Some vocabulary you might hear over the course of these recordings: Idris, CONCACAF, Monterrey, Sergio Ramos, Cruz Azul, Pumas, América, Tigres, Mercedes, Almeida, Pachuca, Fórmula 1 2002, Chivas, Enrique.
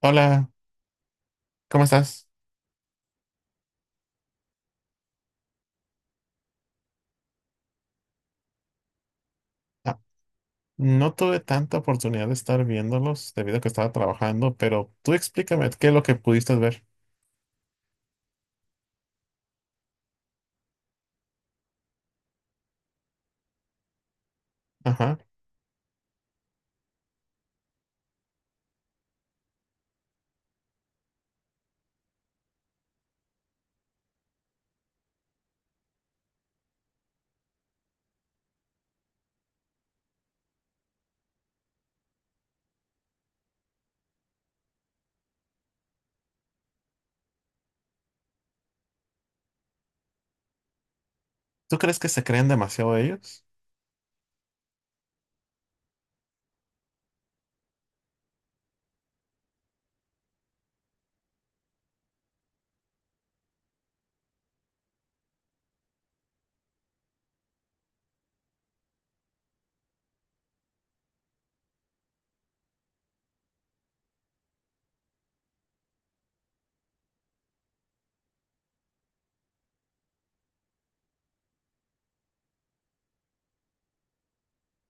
Hola, ¿cómo estás? Ah, no tuve tanta oportunidad de estar viéndolos debido a que estaba trabajando, pero tú explícame qué es lo que pudiste ver. Ajá. ¿Tú crees que se creen demasiado ellos?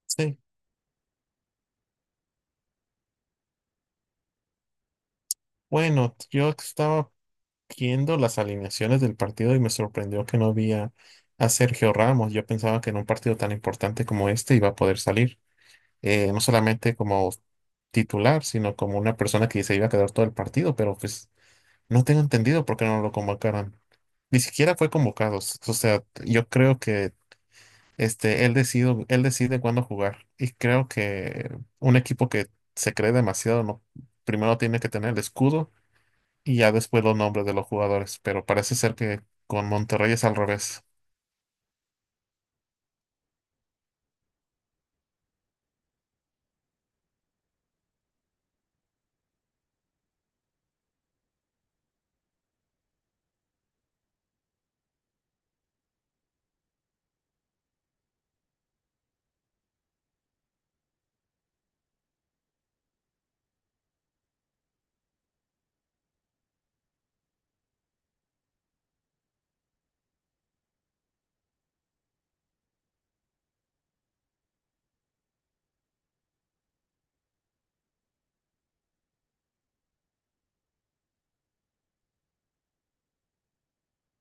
Sí. Bueno, yo estaba viendo las alineaciones del partido y me sorprendió que no vi a Sergio Ramos. Yo pensaba que en un partido tan importante como este iba a poder salir, no solamente como titular, sino como una persona que se iba a quedar todo el partido, pero pues. No tengo entendido por qué no lo convocaron. Ni siquiera fue convocado. O sea, yo creo que él decide cuándo jugar. Y creo que un equipo que se cree demasiado, no, primero tiene que tener el escudo y ya después los nombres de los jugadores. Pero parece ser que con Monterrey es al revés.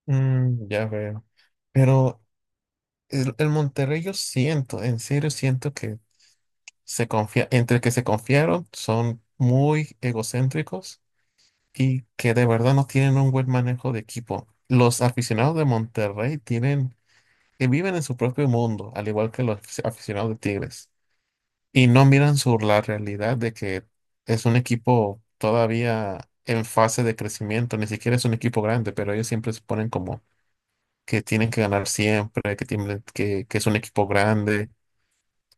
Mm, ya veo. Pero el Monterrey yo siento, en serio siento que se confía, entre que se confiaron, son muy egocéntricos y que de verdad no tienen un buen manejo de equipo. Los aficionados de Monterrey tienen que viven en su propio mundo, al igual que los aficionados de Tigres, y no miran sobre la realidad de que es un equipo todavía en fase de crecimiento, ni siquiera es un equipo grande, pero ellos siempre se ponen como que tienen que ganar siempre, que es un equipo grande.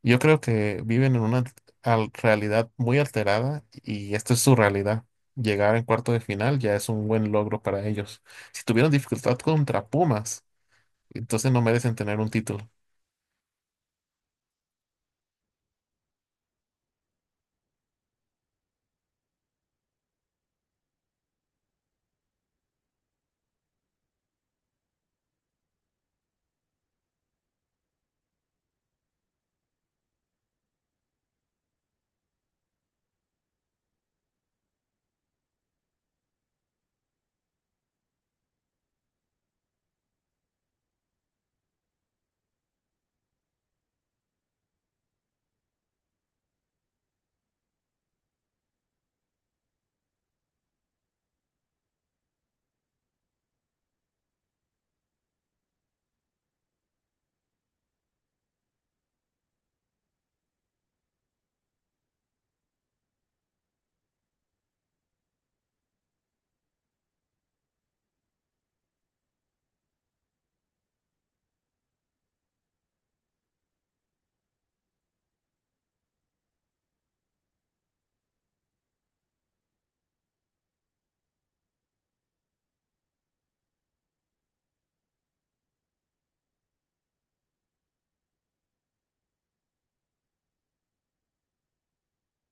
Yo creo que viven en una realidad muy alterada y esta es su realidad. Llegar en cuarto de final ya es un buen logro para ellos. Si tuvieron dificultad contra Pumas, entonces no merecen tener un título.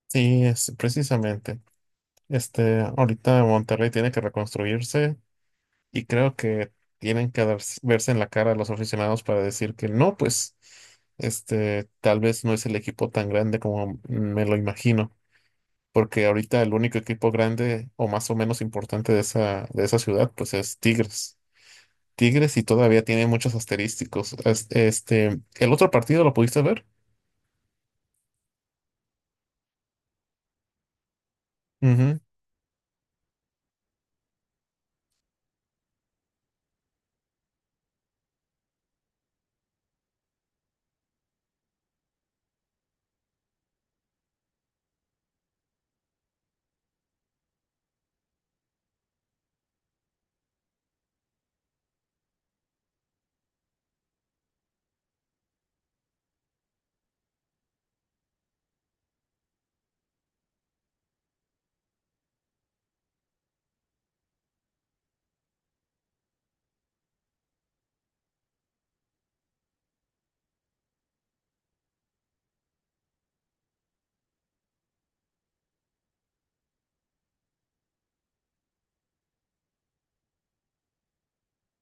Sí, es precisamente. Ahorita Monterrey tiene que reconstruirse y creo que verse en la cara a los aficionados para decir que no, pues, tal vez no es el equipo tan grande como me lo imagino. Porque ahorita el único equipo grande o más o menos importante de esa ciudad, pues es Tigres. Tigres y todavía tiene muchos asterísticos. Este, ¿el otro partido lo pudiste ver? Ujú.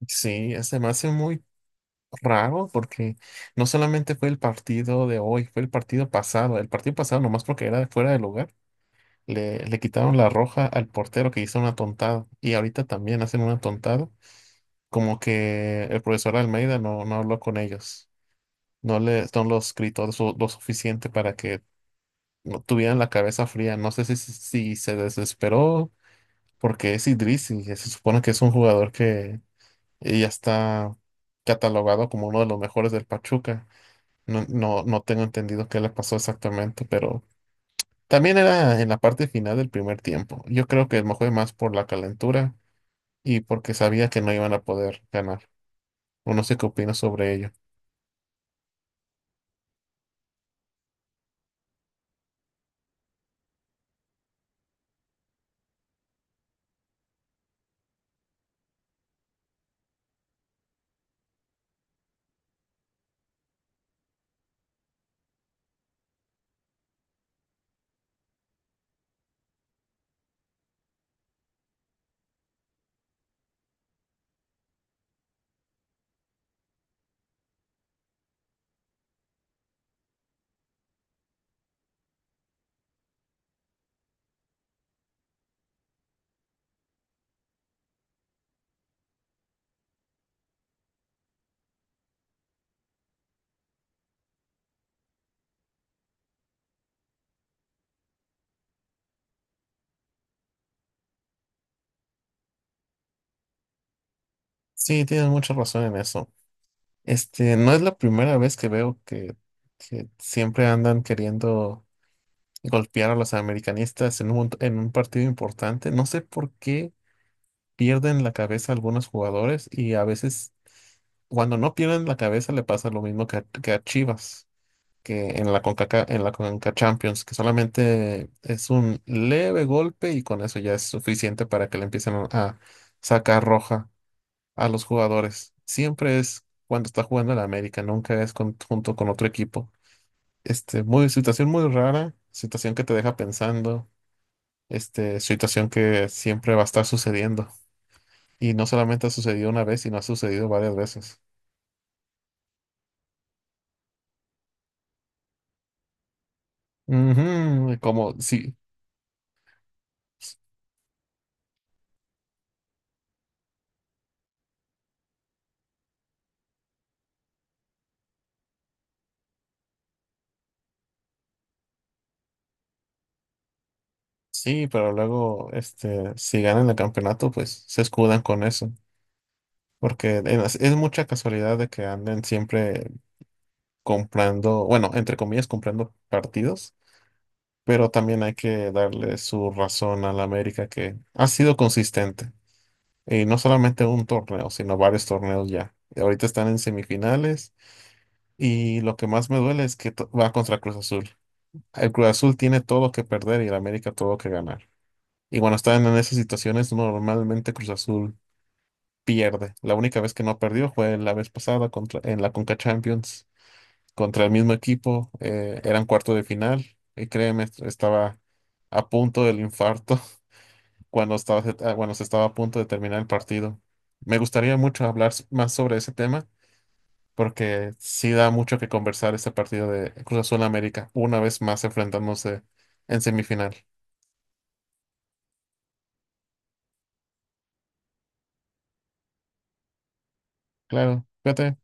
Sí, se me hace muy raro porque no solamente fue el partido de hoy, fue el partido pasado. El partido pasado, nomás porque era fuera de lugar, le quitaron la roja al portero que hizo una tontada. Y ahorita también hacen una tontada. Como que el profesor Almeida no habló con ellos. No le, no los escrito lo suficiente para que no tuvieran la cabeza fría. No sé si se desesperó porque es Idris y se supone que es un jugador que ya está catalogado como uno de los mejores del Pachuca. No tengo entendido qué le pasó exactamente, pero también era en la parte final del primer tiempo. Yo creo que me fue más por la calentura y porque sabía que no iban a poder ganar. O no sé qué opino sobre ello. Sí, tienes mucha razón en eso. No es la primera vez que veo que siempre andan queriendo golpear a los americanistas en un partido importante. No sé por qué pierden la cabeza algunos jugadores y a veces cuando no pierden la cabeza le pasa lo mismo que a Chivas, que en la CONCACAF Champions, que solamente es un leve golpe y con eso ya es suficiente para que le empiecen a sacar roja a los jugadores. Siempre es cuando está jugando el América, nunca es junto con otro equipo. Situación muy rara, situación que te deja pensando, situación que siempre va a estar sucediendo. Y no solamente ha sucedido una vez, sino ha sucedido varias veces. Ujú, como sí, pero luego, si ganan el campeonato, pues se escudan con eso. Porque es mucha casualidad de que anden siempre comprando, bueno, entre comillas, comprando partidos, pero también hay que darle su razón al América que ha sido consistente. Y no solamente un torneo, sino varios torneos ya. Y ahorita están en semifinales y lo que más me duele es que va contra Cruz Azul. El Cruz Azul tiene todo lo que perder y el América todo lo que ganar. Y cuando están en esas situaciones, normalmente Cruz Azul pierde. La única vez que no perdió fue la vez pasada contra, en la Conca Champions contra el mismo equipo. Eran cuarto de final y créeme, estaba a punto del infarto cuando estaba, cuando se estaba a punto de terminar el partido. Me gustaría mucho hablar más sobre ese tema porque sí da mucho que conversar este partido de Cruz Azul América, una vez más enfrentándose en semifinal. Claro, fíjate.